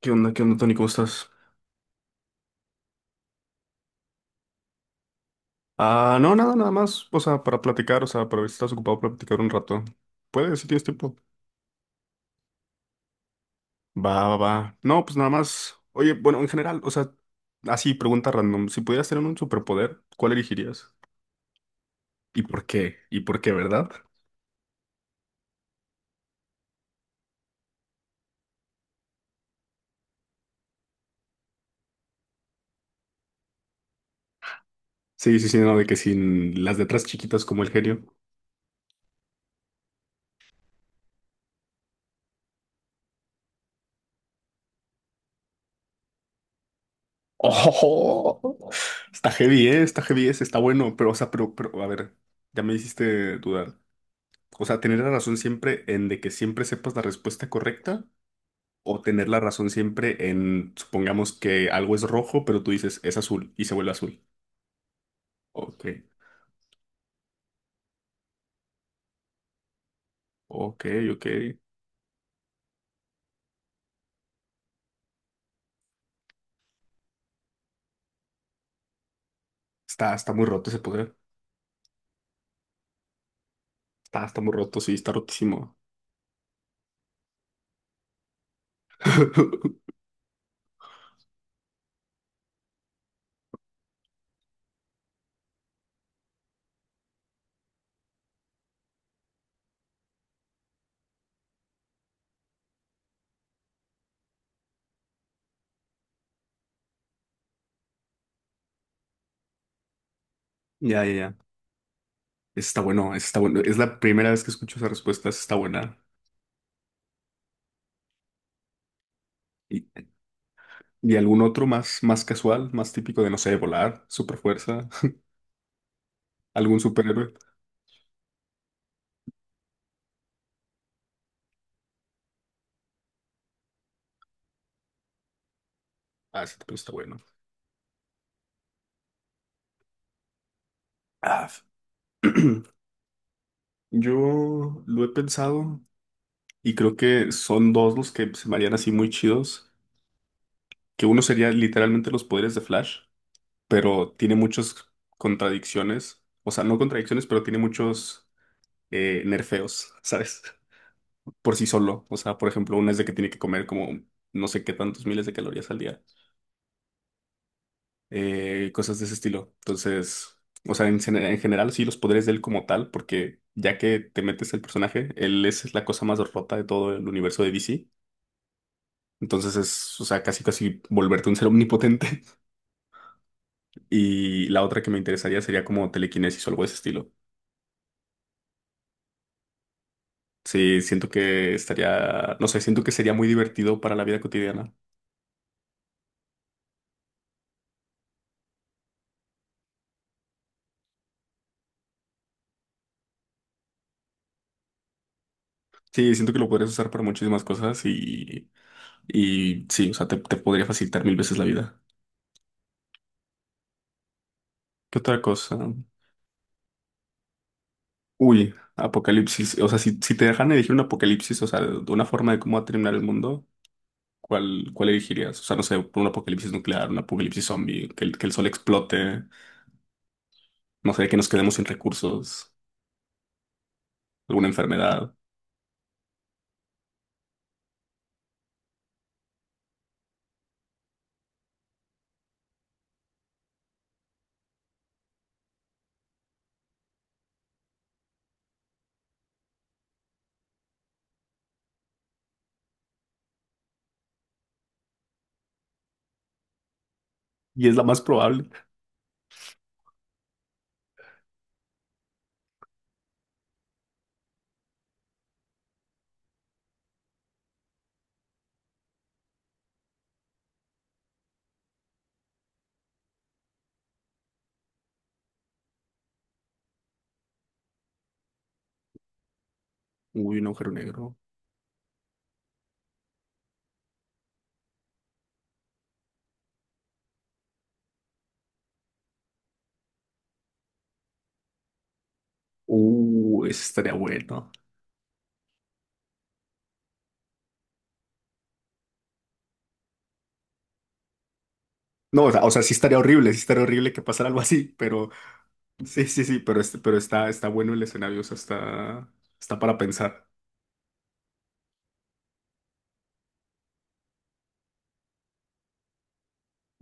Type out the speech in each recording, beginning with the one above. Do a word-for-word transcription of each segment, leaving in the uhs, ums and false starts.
¿Qué onda? ¿Qué onda, Tony? ¿Cómo estás? Ah, no, nada, nada más. O sea, para platicar, o sea, para ver si estás ocupado para platicar un rato. ¿Puedes, si tienes tiempo? Va, va, va. No, pues nada más. Oye, bueno, en general, o sea, así, pregunta random. Si pudieras tener un superpoder, ¿cuál elegirías? ¿Y por qué? ¿Y por qué, verdad? Sí, sí, sí, no, de que sin las letras chiquitas como el genio. ¡Oh! Está heavy, ¿eh? Está heavy, ese, está bueno, pero, o sea, pero, pero, a ver, ya me hiciste dudar. O sea, tener la razón siempre en de que siempre sepas la respuesta correcta o tener la razón siempre en, supongamos que algo es rojo, pero tú dices es azul y se vuelve azul. Ok, ok, ok. Está, está muy roto ese poder. Está, está muy roto, sí, está rotísimo. Ya, ya, ya. Ese Está bueno, ese está bueno. Es la primera vez que escucho esa respuesta, esa está buena. ¿Y, y algún otro más, más casual, más típico de, no sé, volar, super fuerza, ¿algún superhéroe? Ah, ese también está bueno. Ah, f- Yo lo he pensado y creo que son dos los que se me harían así muy chidos. Que uno sería literalmente los poderes de Flash, pero tiene muchas contradicciones, o sea, no contradicciones, pero tiene muchos eh, nerfeos, ¿sabes? Por sí solo, o sea, por ejemplo, una es de que tiene que comer como no sé qué tantos miles de calorías al día, eh, cosas de ese estilo. Entonces, o sea, en, gen- en general sí los poderes de él como tal, porque ya que te metes el personaje, él es la cosa más rota de todo el universo de D C. Entonces es, o sea, casi casi volverte un ser omnipotente. Y la otra que me interesaría sería como telequinesis o algo de ese estilo. Sí, siento que estaría, no sé, siento que sería muy divertido para la vida cotidiana. Sí, siento que lo podrías usar para muchísimas cosas y, y sí, o sea, te, te podría facilitar mil veces la vida. ¿Qué otra cosa? Uy, apocalipsis. O sea, si, si te dejan elegir un apocalipsis, o sea, de una forma de cómo va a terminar el mundo, ¿cuál, cuál elegirías? O sea, no sé, un apocalipsis nuclear, un apocalipsis zombie, que el, que el sol explote, no sé, que nos quedemos sin recursos, alguna enfermedad. Y es la más probable. Uy, un agujero negro. Uh, eso estaría bueno. No, o sea, o sea, sí estaría horrible, sí estaría horrible que pasara algo así, pero sí, sí, sí, pero, este, pero está, está bueno el escenario, o sea, está, está para pensar.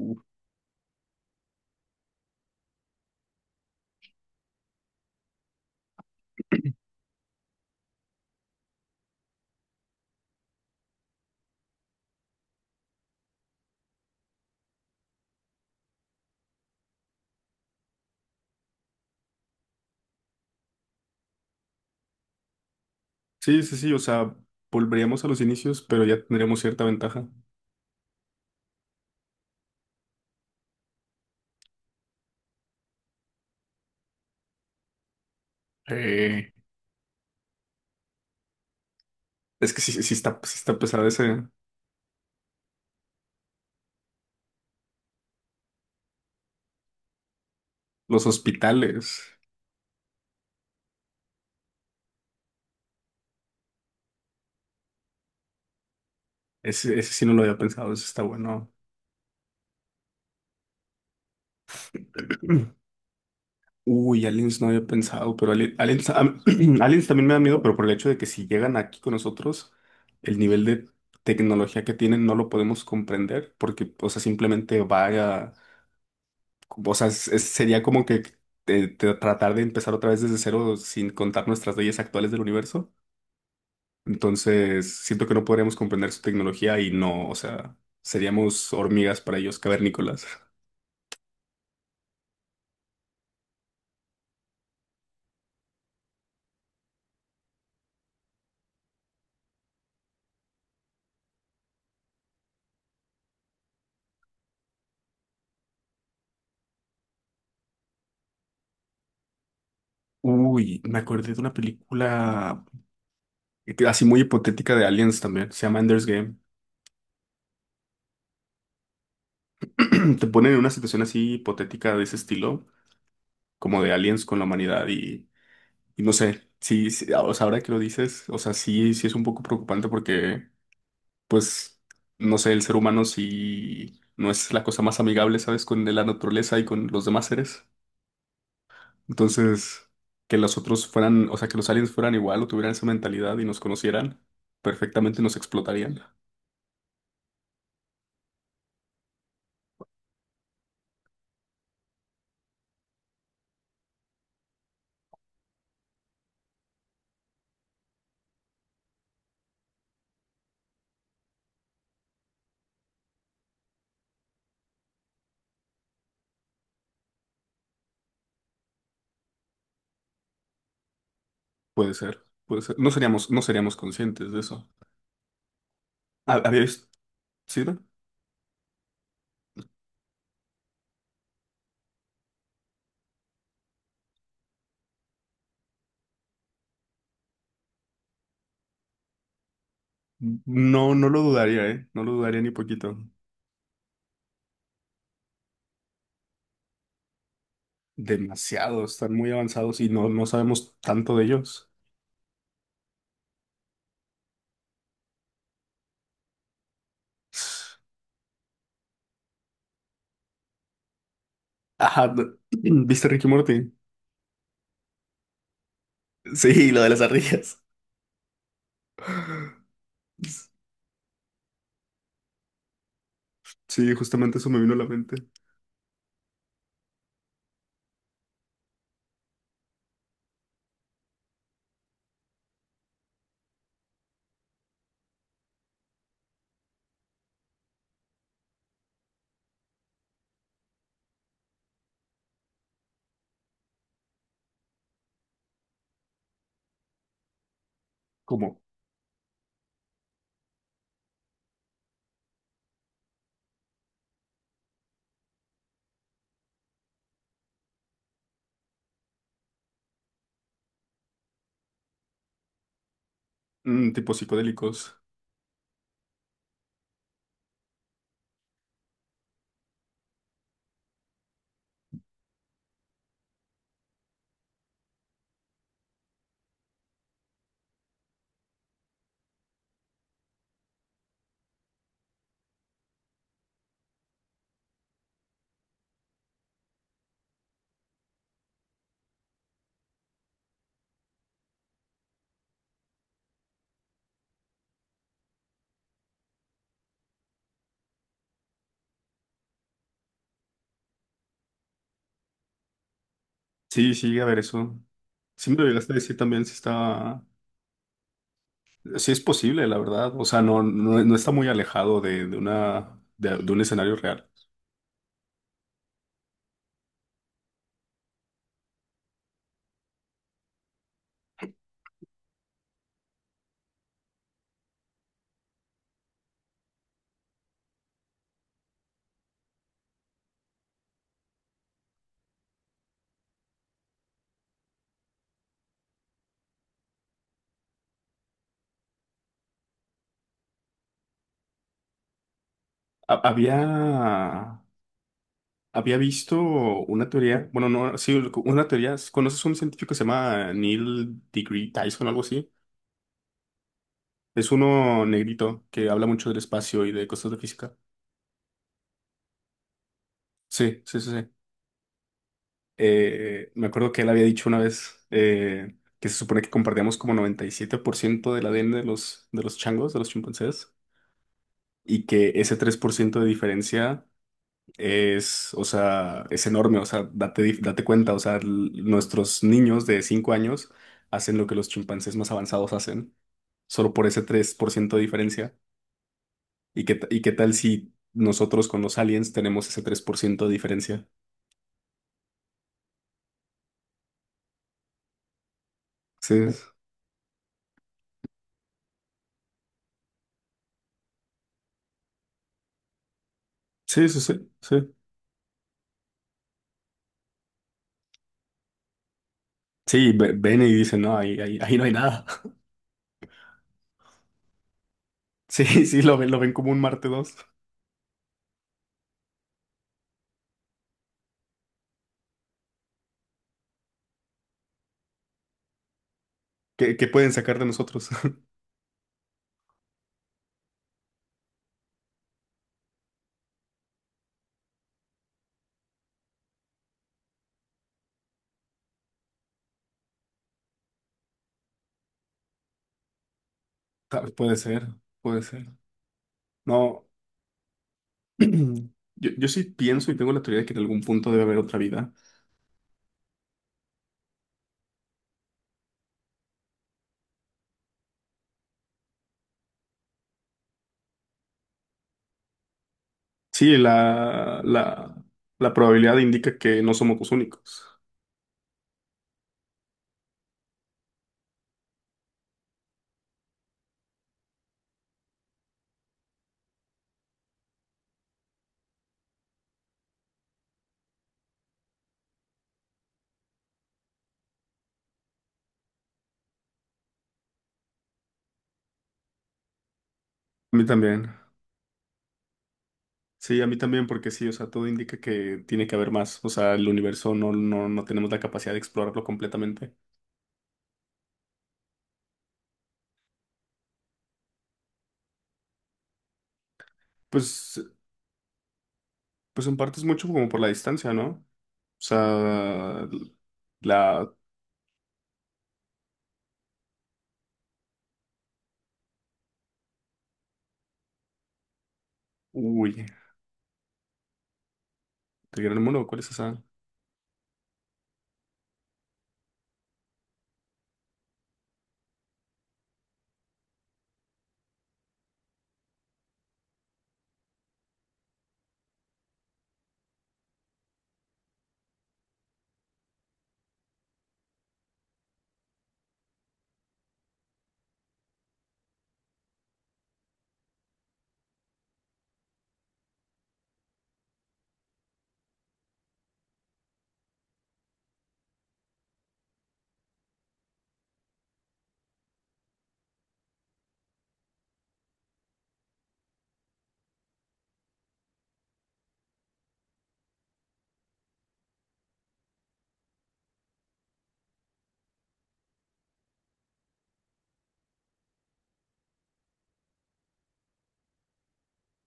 Uh, sí, sí, sí, o sea, volveríamos a los inicios, pero ya tendríamos cierta ventaja. Eh, es que sí, sí sí está, sí está pesado ese, los hospitales. Ese, ese sí no lo había pensado, ese está bueno. Uy, aliens no había pensado, pero ali- aliens, a- aliens también me da miedo, pero por el hecho de que si llegan aquí con nosotros, el nivel de tecnología que tienen no lo podemos comprender, porque, o sea, simplemente vaya, o sea, es- es- sería como que te- te- tratar de empezar otra vez desde cero sin contar nuestras leyes actuales del universo. Entonces, siento que no podríamos comprender su tecnología y no, o sea, seríamos hormigas para ellos, cavernícolas. Uy, me acordé de una película y que- así muy hipotética de Aliens también, se llama Ender's Game. Te ponen en una situación así hipotética de ese estilo, como de Aliens con la humanidad y, y no sé, sí, sí, o sea, ahora que lo dices, o sea, sí, sí es un poco preocupante porque, pues, no sé, el ser humano sí no es la cosa más amigable, ¿sabes? Con la naturaleza y con los demás seres. Entonces, que los otros fueran, o sea, que los aliens fueran igual o tuvieran esa mentalidad y nos conocieran, perfectamente nos explotarían. Puede ser, puede ser. No seríamos, no seríamos conscientes de eso. ¿Ha- ¿Había visto? ¿Sí, no? No, no lo dudaría, ¿eh? No lo dudaría ni poquito. Demasiado, están muy avanzados y no, no sabemos tanto de ellos. Ajá, no- ¿viste Ricky Morty? Sí, lo de las ardillas. Sí, justamente eso me vino a la mente. Como mm, tipo psicodélicos. Sí, sí, a ver eso. Sí me lo llegaste a decir también si está, si es posible, la verdad. O sea, no no, no está muy alejado de, de una, de, de un escenario real. Ha- había Había visto una teoría, bueno, no, sí, una teoría. ¿Conoces un científico que se llama Neil deGree Tyson o algo así? Es uno negrito que habla mucho del espacio y de cosas de física. Sí, sí, sí, sí. Eh, me acuerdo que él había dicho una vez eh, que se supone que compartíamos como noventa y siete por ciento del A D N de los, de los changos, de los chimpancés, y que ese tres por ciento de diferencia es, o sea, es enorme, o sea, date, dif- date cuenta, o sea, l- nuestros niños de cinco años hacen lo que los chimpancés más avanzados hacen, solo por ese tres por ciento de diferencia. ¿Y qué, ta- y qué tal si nosotros con los aliens tenemos ese tres por ciento de diferencia? Sí, es- sí, sí, sí, sí. Sí, ve- ven y dicen, no, ahí, ahí, ahí no hay nada. Sí, sí, lo ven, lo ven como un Marte dos. ¿Qué, qué pueden sacar de nosotros? Tal- Puede ser, puede ser. No. Yo, yo sí pienso y tengo la teoría de que en algún punto debe haber otra vida. Sí, la, la, la probabilidad indica que no somos los únicos. A mí también. Sí, a mí también, porque sí, o sea, todo indica que tiene que haber más. O sea, el universo no, no, no tenemos la capacidad de explorarlo completamente. Pues, pues en parte es mucho como por la distancia, ¿no? O sea, la. Uy, ¿el gran mono? ¿Cuál es esa?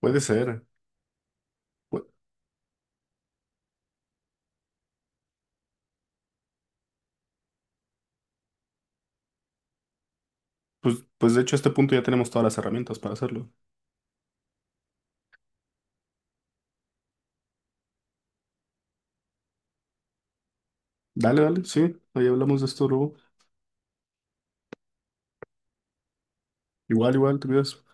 Puede ser. Pu- Pues, pues de hecho, a este punto ya tenemos todas las herramientas para hacerlo. Dale, dale, sí, ahí hablamos de esto luego. Igual, igual, te cuidas.